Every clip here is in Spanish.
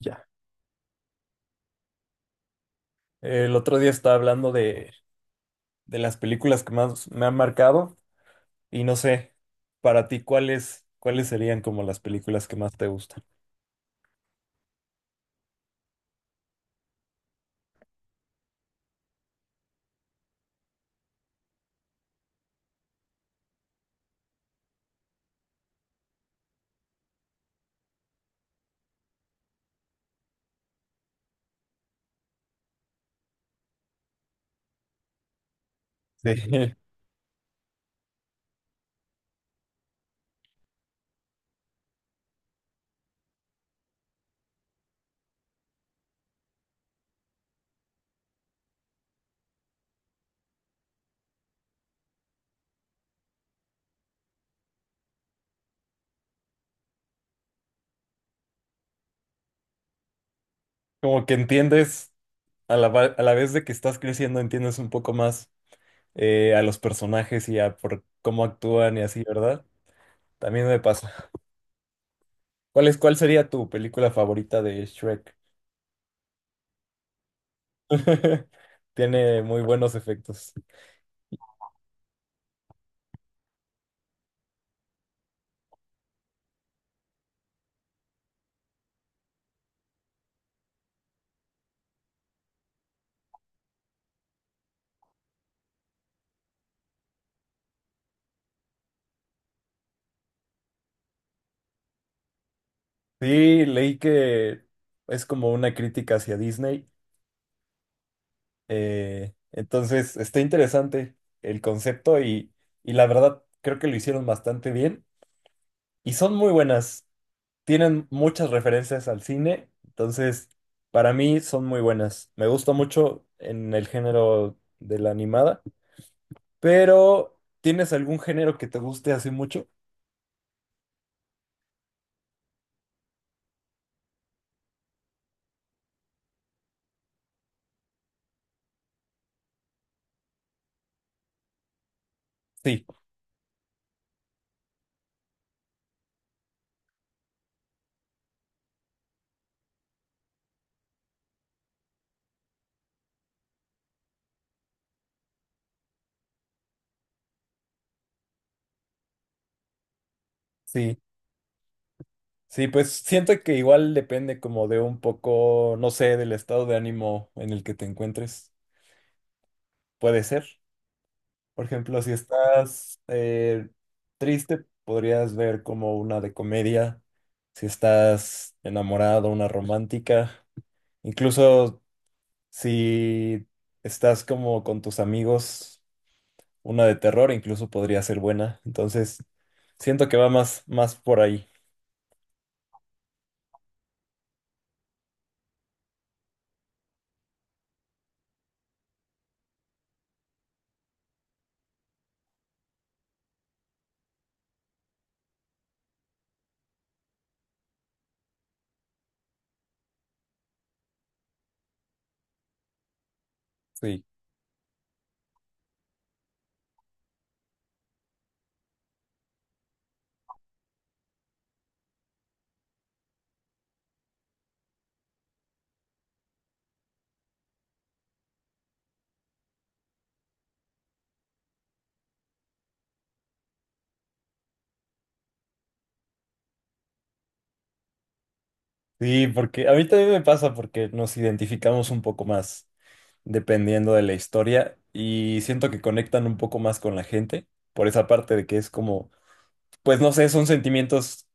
Ya. El otro día estaba hablando de las películas que más me han marcado y no sé, para ti, ¿cuáles serían como las películas que más te gustan? Sí. Como que entiendes, a la vez de que estás creciendo, entiendes un poco más a los personajes y a por cómo actúan y así, ¿verdad? También me pasa. ¿Cuál sería tu película favorita de Shrek? Tiene muy buenos efectos. Sí, leí que es como una crítica hacia Disney. Entonces, está interesante el concepto y la verdad creo que lo hicieron bastante bien y son muy buenas. Tienen muchas referencias al cine, entonces para mí son muy buenas. Me gusta mucho en el género de la animada, pero ¿tienes algún género que te guste así mucho? Sí, sí, sí, pues siento que igual depende como de un poco, no sé, del estado de ánimo en el que te encuentres. Puede ser. Por ejemplo, si estás triste, podrías ver como una de comedia. Si estás enamorado, una romántica. Incluso si estás como con tus amigos, una de terror incluso podría ser buena. Entonces, siento que va más por ahí. Sí. Sí, porque a mí también me pasa porque nos identificamos un poco más dependiendo de la historia y siento que conectan un poco más con la gente por esa parte de que es como, pues no sé, son sentimientos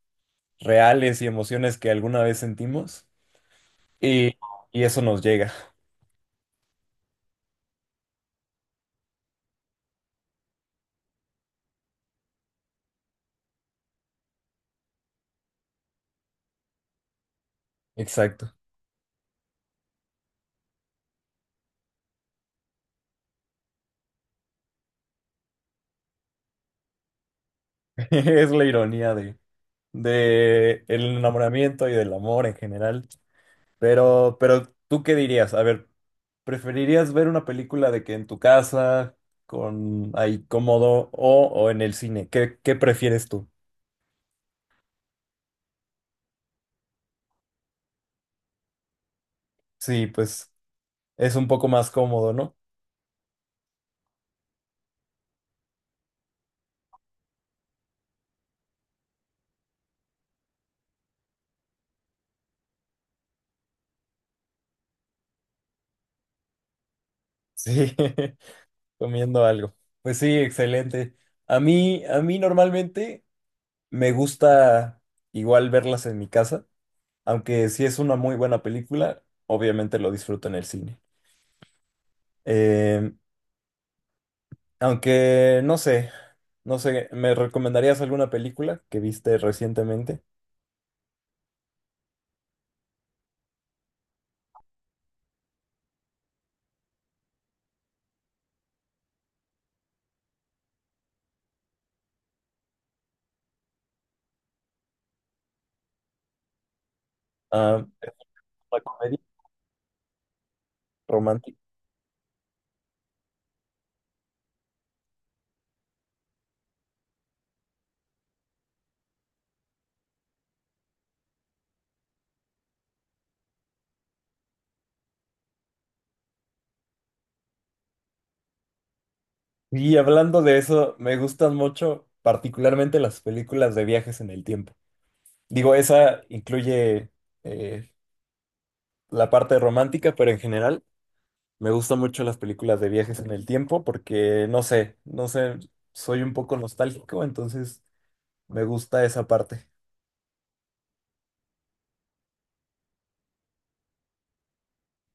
reales y emociones que alguna vez sentimos y, y eso nos llega. Exacto. Es la ironía de el enamoramiento y del amor en general. Pero, ¿tú qué dirías? A ver, ¿preferirías ver una película de que en tu casa, con ahí cómodo o en el cine? ¿Qué prefieres tú? Sí, pues es un poco más cómodo, ¿no? Sí. Comiendo algo. Pues sí, excelente. A mí normalmente me gusta igual verlas en mi casa, aunque si es una muy buena película, obviamente lo disfruto en el cine. Eh, Aunque no sé, ¿me recomendarías alguna película que viste recientemente? Ah, ¿es una comedia romántica? Y hablando de eso, me gustan mucho particularmente las películas de viajes en el tiempo. Digo, esa incluye eh, la parte romántica, pero en general. Me gustan mucho las películas de viajes en el tiempo porque, no sé, soy un poco nostálgico, entonces me gusta esa parte.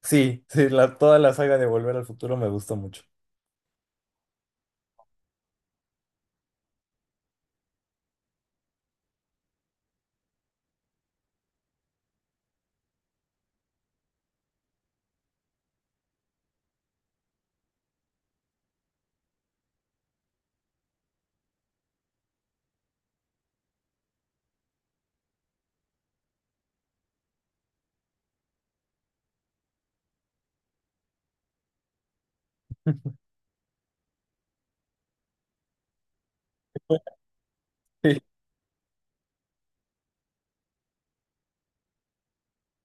Sí, sí, toda la saga de Volver al Futuro me gusta mucho. Sí.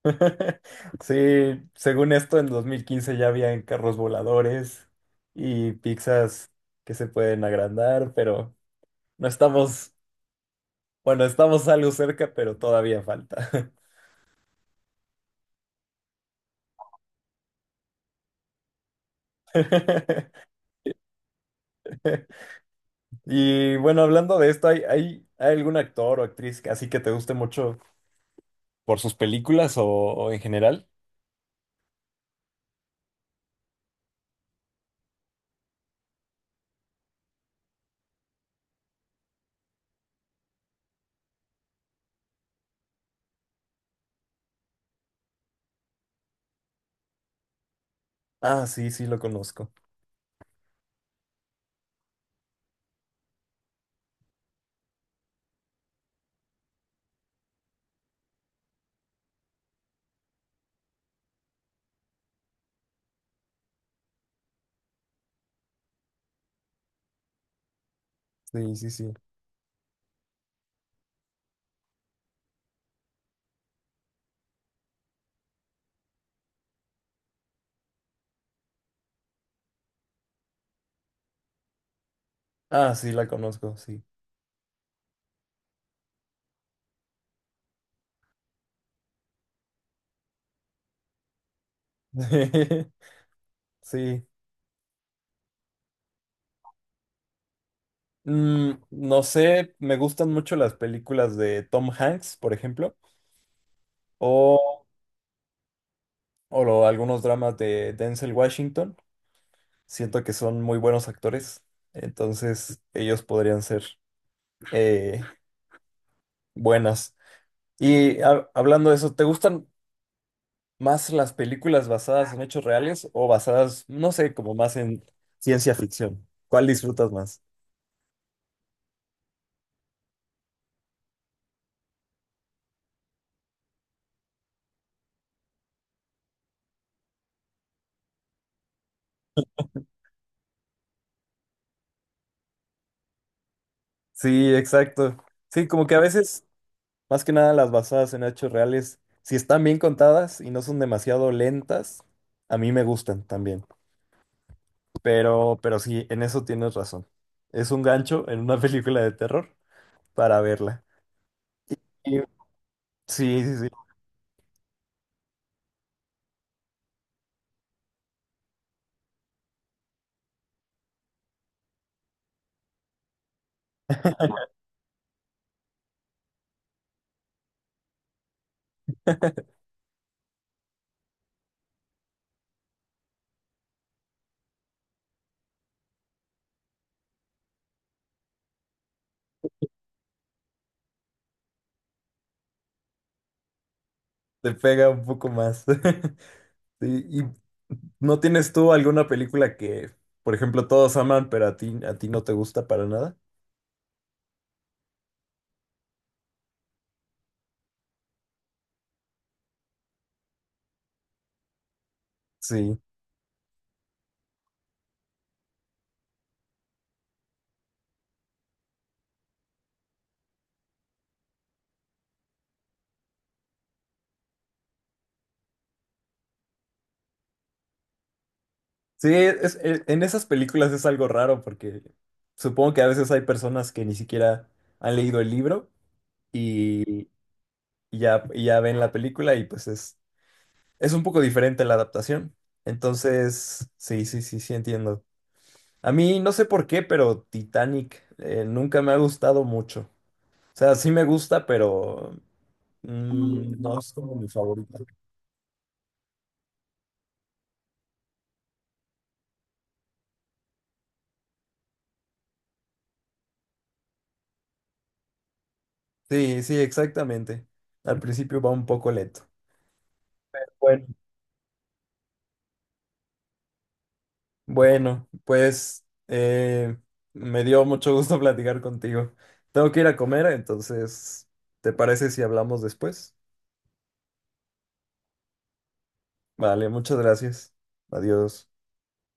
Sí, según esto, en 2015 ya habían carros voladores y pizzas que se pueden agrandar, pero no estamos, bueno, estamos algo cerca, pero todavía falta. Y bueno, hablando de esto, ¿hay algún actor o actriz así que te guste mucho por sus películas o en general? Ah, sí, sí, lo conozco. Sí, sí, sí. Ah, sí, la conozco, sí. Sí. Mm, no sé, me gustan mucho las películas de Tom Hanks, por ejemplo, o, o algunos dramas de Denzel Washington. Siento que son muy buenos actores, entonces ellos podrían ser eh, buenas. Y hablando de eso, ¿te gustan más las películas basadas en hechos reales o basadas, no sé, como más en ciencia ficción? ¿Cuál disfrutas más? Sí, exacto. Sí, como que a veces, más que nada las basadas en hechos reales, si están bien contadas y no son demasiado lentas, a mí me gustan también. Pero sí, en eso tienes razón. Es un gancho en una película de terror para verla. Y- sí, te pega un poco más. Sí, ¿y no tienes tú alguna película que, por ejemplo, todos aman, pero a ti no te gusta para nada? Sí. Sí, es, en esas películas es algo raro porque supongo que a veces hay personas que ni siquiera han leído el libro y, y ya ven la película y pues es un poco diferente la adaptación. Entonces, sí, entiendo. A mí no sé por qué, pero Titanic nunca me ha gustado mucho. O sea, sí me gusta, pero mm, no es como mi favorita. Sí, sí, exactamente. Al principio va un poco lento. Bueno. Bueno, pues me dio mucho gusto platicar contigo. Tengo que ir a comer, entonces, ¿te parece si hablamos después? Vale, muchas gracias. Adiós.